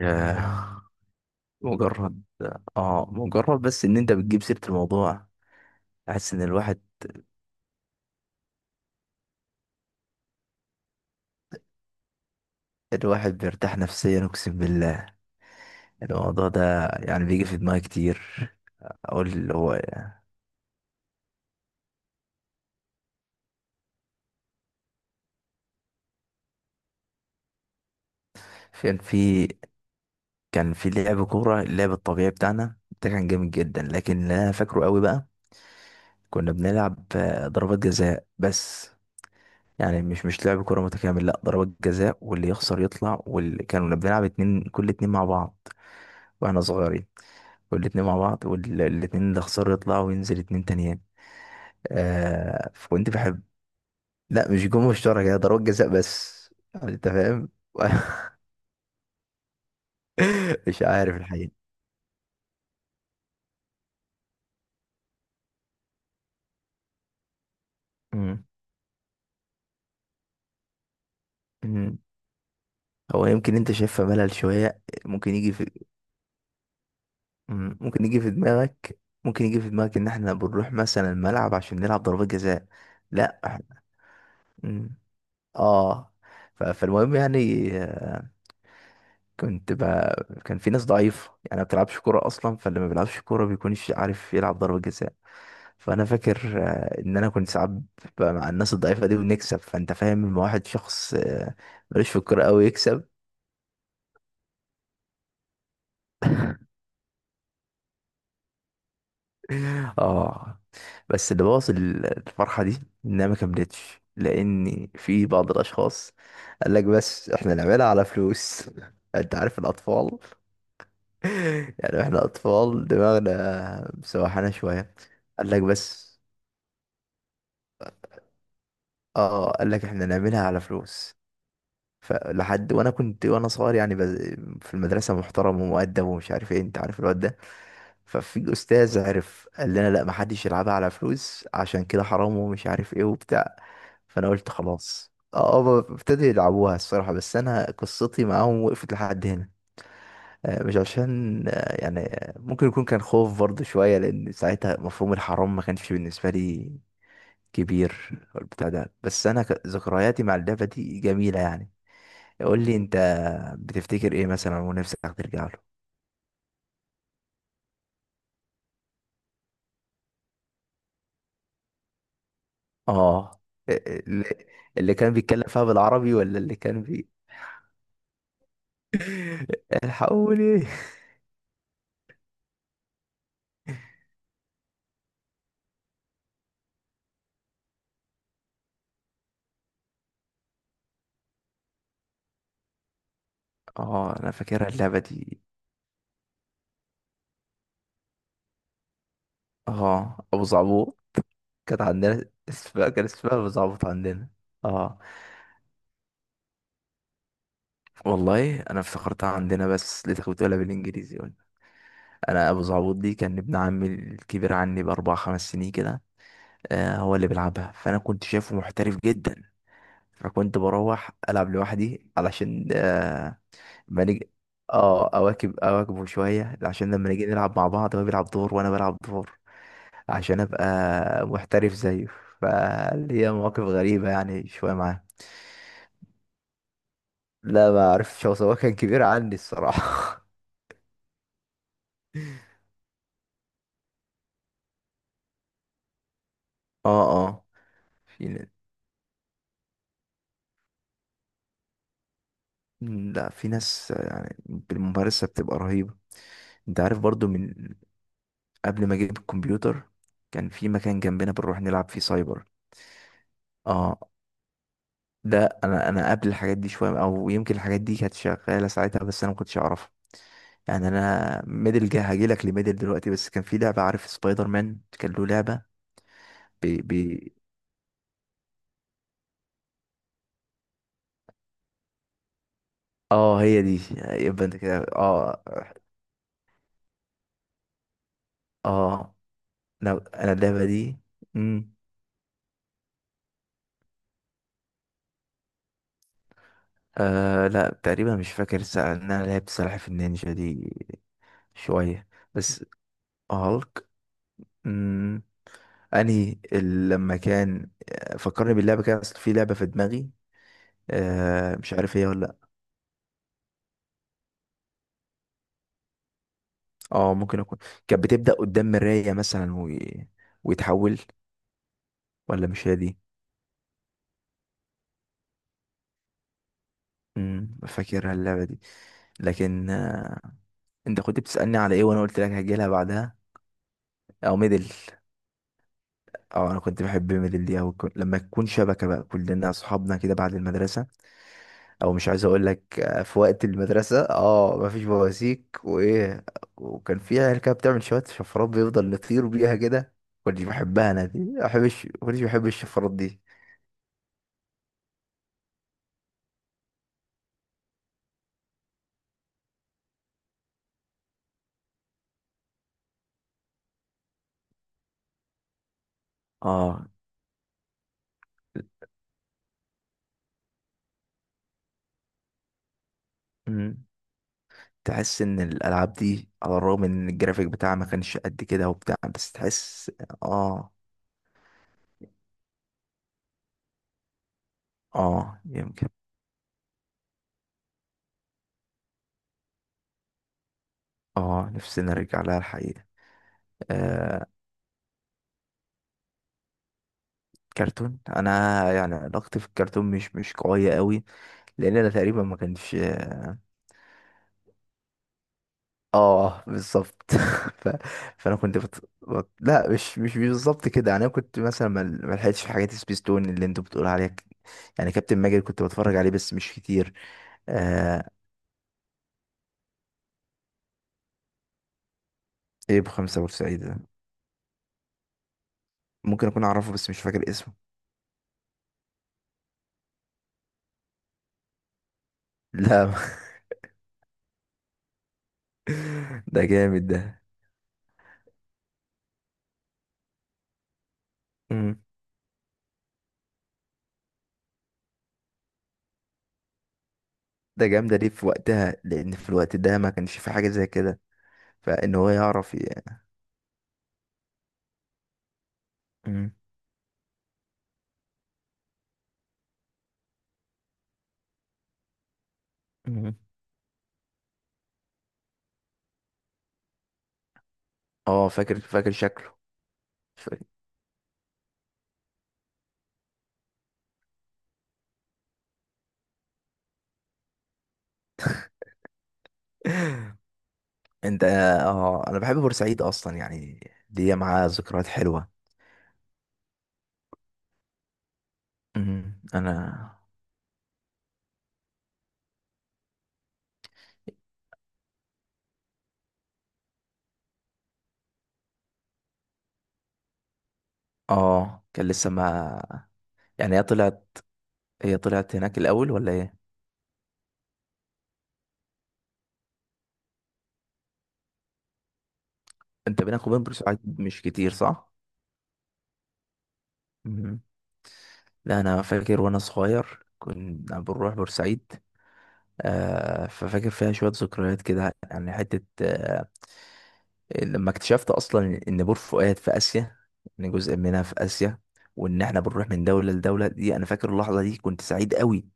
ياه. مجرد اه مجرد بس ان انت بتجيب سيرة الموضوع. احس ان الواحد بيرتاح نفسيا، اقسم بالله. الموضوع ده يعني بيجي في دماغي كتير. اقول اللي هو كان في كان في لعب كورة، اللعب الطبيعي بتاعنا ده كان جامد جدا، لكن اللي انا فاكره قوي بقى كنا بنلعب ضربات جزاء بس. يعني مش لعب كورة متكامل، لا ضربات جزاء، واللي يخسر يطلع، واللي كانوا بنلعب اتنين كل اتنين مع بعض واحنا صغيرين، والاتنين مع بعض، والاتنين اللي خسروا يطلعوا وينزل اتنين تانيين. آه فكنت بحب. لا مش جون مشترك، هي ضربات جزاء بس، يعني انت فاهم. مش عارف الحقيقة. مم. مم. هو يمكن انت شايفها ملل شوية، ممكن يجي في. مم. ممكن يجي في دماغك ان احنا بنروح مثلا الملعب عشان نلعب ضربات جزاء. لا احنا-. مم. اه فالمهم يعني كنت بقى كان في ناس ضعيفة يعني ما بتلعبش كورة أصلا، فاللي ما بيلعبش كورة بيكونش عارف يلعب ضربة جزاء. فأنا فاكر إن أنا كنت ساعات بقى مع الناس الضعيفة دي ونكسب، فأنت فاهم لما واحد شخص ملوش في الكورة أوي يكسب. آه. بس اللي بوظ الفرحة دي إنها ما كملتش، لأن في بعض الأشخاص قال لك بس إحنا نعملها على فلوس. أنت عارف الأطفال. يعني إحنا أطفال دماغنا مسوحانا شوية. قال لك بس. اه قال لك احنا نعملها على فلوس. فلحد وانا كنت وانا صغير يعني في المدرسه محترم ومؤدب ومش عارف ايه، انت عارف الواد ده. ففي استاذ عرف قال لنا لا، ما حدش يلعبها على فلوس عشان كده حرام ومش عارف ايه وبتاع. فانا قلت خلاص، اه هما ابتدوا يلعبوها الصراحه، بس انا قصتي معاهم وقفت لحد هنا. مش عشان يعني ممكن يكون كان خوف برضه شويه، لان ساعتها مفهوم الحرام ما كانش بالنسبه لي كبير والبتاع ده، بس انا ذكرياتي مع اللعبه دي جميله يعني. قول لي انت بتفتكر ايه مثلا ونفسك ترجع له. اه اللي اللي كان بيتكلم فيها بالعربي ولا اللي كان الحقوني. اه انا فاكرها اللعبه دي. اه ابو زعبوط. كانت عندنا اسمها، كان اسمها ابو زعبوط عندنا. اه والله انا افتكرتها عندنا بس لقيتك بتقولها بالانجليزي قلت. انا ابو زعبوط دي كان ابن عمي الكبير عني باربع خمس سنين كده. هو اللي بيلعبها، فانا كنت شايفه محترف جدا، فكنت بروح العب لوحدي علشان آه ما نيجي اه اواكبه شويه عشان لما نيجي نلعب مع بعض هو بيلعب دور وانا بلعب دور عشان ابقى محترف زيه، فاللي هي مواقف غريبه يعني شويه معاه. لا ما اعرفش، هو سواء كان كبير عني الصراحه. اه في ن- لا في ناس يعني بالممارسة بتبقى رهيبة. انت عارف برضو من قبل ما اجيب الكمبيوتر كان في مكان جنبنا بنروح نلعب فيه سايبر. اه ده انا قبل الحاجات دي شويه، او يمكن الحاجات دي كانت شغاله ساعتها بس انا ما كنتش اعرفها. يعني انا ميدل جه هاجي لك لميدل دلوقتي، بس كان في لعبه عارف سبايدر مان كان له لعبه بي بي اه هي دي. يبقى انت كده اه. اه لو انا اللعبه دي. امم. آه لا تقريبا مش فاكر الساعه ان انا لعبت سلاحف النينجا دي شويه، بس هالك. امم. انهي لما كان فكرني باللعبه كده، اصل في لعبه في دماغي آه مش عارف هي ولا لأ. اه ممكن اكون كانت بتبدا قدام مرايه مثلا و... ويتحول. ولا مش هي دي. فاكرها اللعبه دي. لكن آه. انت كنت بتسالني على ايه، وانا قلت لك هجيلها بعدها او ميدل. اه انا كنت بحب ميدل دي او لما تكون شبكه بقى كلنا اصحابنا كده بعد المدرسه. او مش عايز اقول لك في وقت المدرسه اه مفيش بواسيك وايه. وكان في عيال كده بتعمل شويه شفرات بيفضل نطير بيها كده. كنتش بحبها انا دي، ما بحبش، كنتش بحب الشفرات دي. اه. مم. تحس ان الالعاب دي على الرغم ان الجرافيك بتاعها ما كانش قد كده وبتاع، بس تحس. اه. اه يمكن. اه نفسي نرجع لها الحقيقه. آه. كرتون انا يعني علاقتي في الكرتون مش قويه قوي، لان انا تقريبا ما كانش. اه بالظبط. ف... فانا كنت لا مش بالظبط كده، يعني انا كنت مثلا ما لحقتش في حاجات سبيستون اللي انتوا بتقول عليها يعني كابتن ماجد كنت بتفرج عليه بس مش كتير. آه... ايه بخمسة بورسعيد ده؟ ممكن اكون اعرفه بس مش فاكر اسمه. لا. ده جامد ده. مم. ده جامد ليه في وقتها، لان في الوقت ده ما كانش في حاجة زي كده، فان هو يعرف مم. مم. اه فاكر فاكر شكله. انت اه انا بحب بورسعيد اصلا يعني، دي معاها ذكريات حلوة. انا. اه كان لسه ما. يعني هي طلعت هناك الاول ولا ايه؟ انت بينك وبين بورسعيد مش كتير صح؟ مم. لا انا فاكر وانا صغير كنا بنروح بورسعيد. آه ففاكر فيها شوية ذكريات كده، يعني حتة آه لما اكتشفت اصلا ان بور فؤاد في اسيا، ان جزء منها في اسيا، وان احنا بنروح من دولة لدولة دي، انا فاكر اللحظة دي كنت سعيد قوي.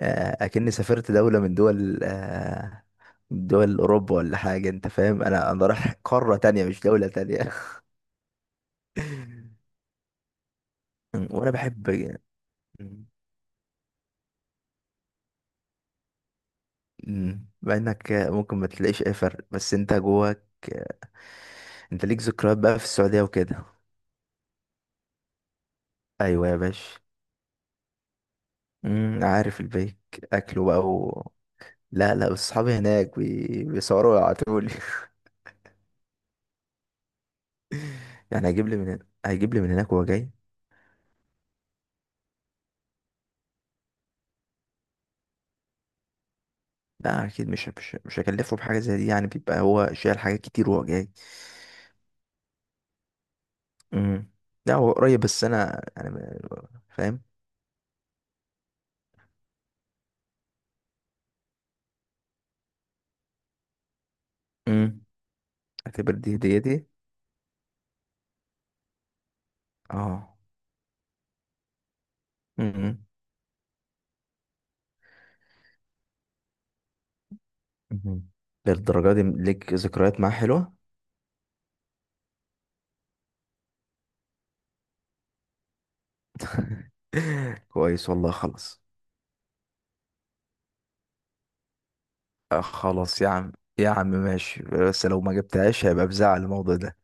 اكني سافرت دولة من دول من دول اوروبا ولا حاجة، انت فاهم، انا رايح قارة تانية مش دولة تانية. وانا بحب. مم. مع انك ممكن ما تلاقيش اي فرق بس انت جواك انت ليك ذكريات بقى في السعودية وكده. ايوه يا باشا. مم، عارف البيك. اكله بقى و... لا لا بس صحابي هناك بيصوروا ويبعتولي. يعني هيجيب لي من هنا، هيجيب لي من هناك وهو جاي. لا اكيد مش هكلفه بحاجه زي دي، يعني بيبقى هو شايل حاجات كتير وهو جاي. امم. لا هو قريب بس انا يعني فاهم. امم. اعتبر دي هديتي. اه. امم. مهم. للدرجه دي ليك ذكريات معاه حلوه. كويس والله خلاص. خلاص يا عم، يا عم ماشي، بس لو ما جبتهاش هيبقى بزعل الموضوع ده.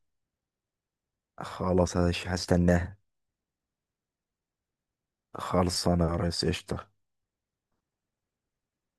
خلاص هستناها. خلصانه يا ريس قشطه.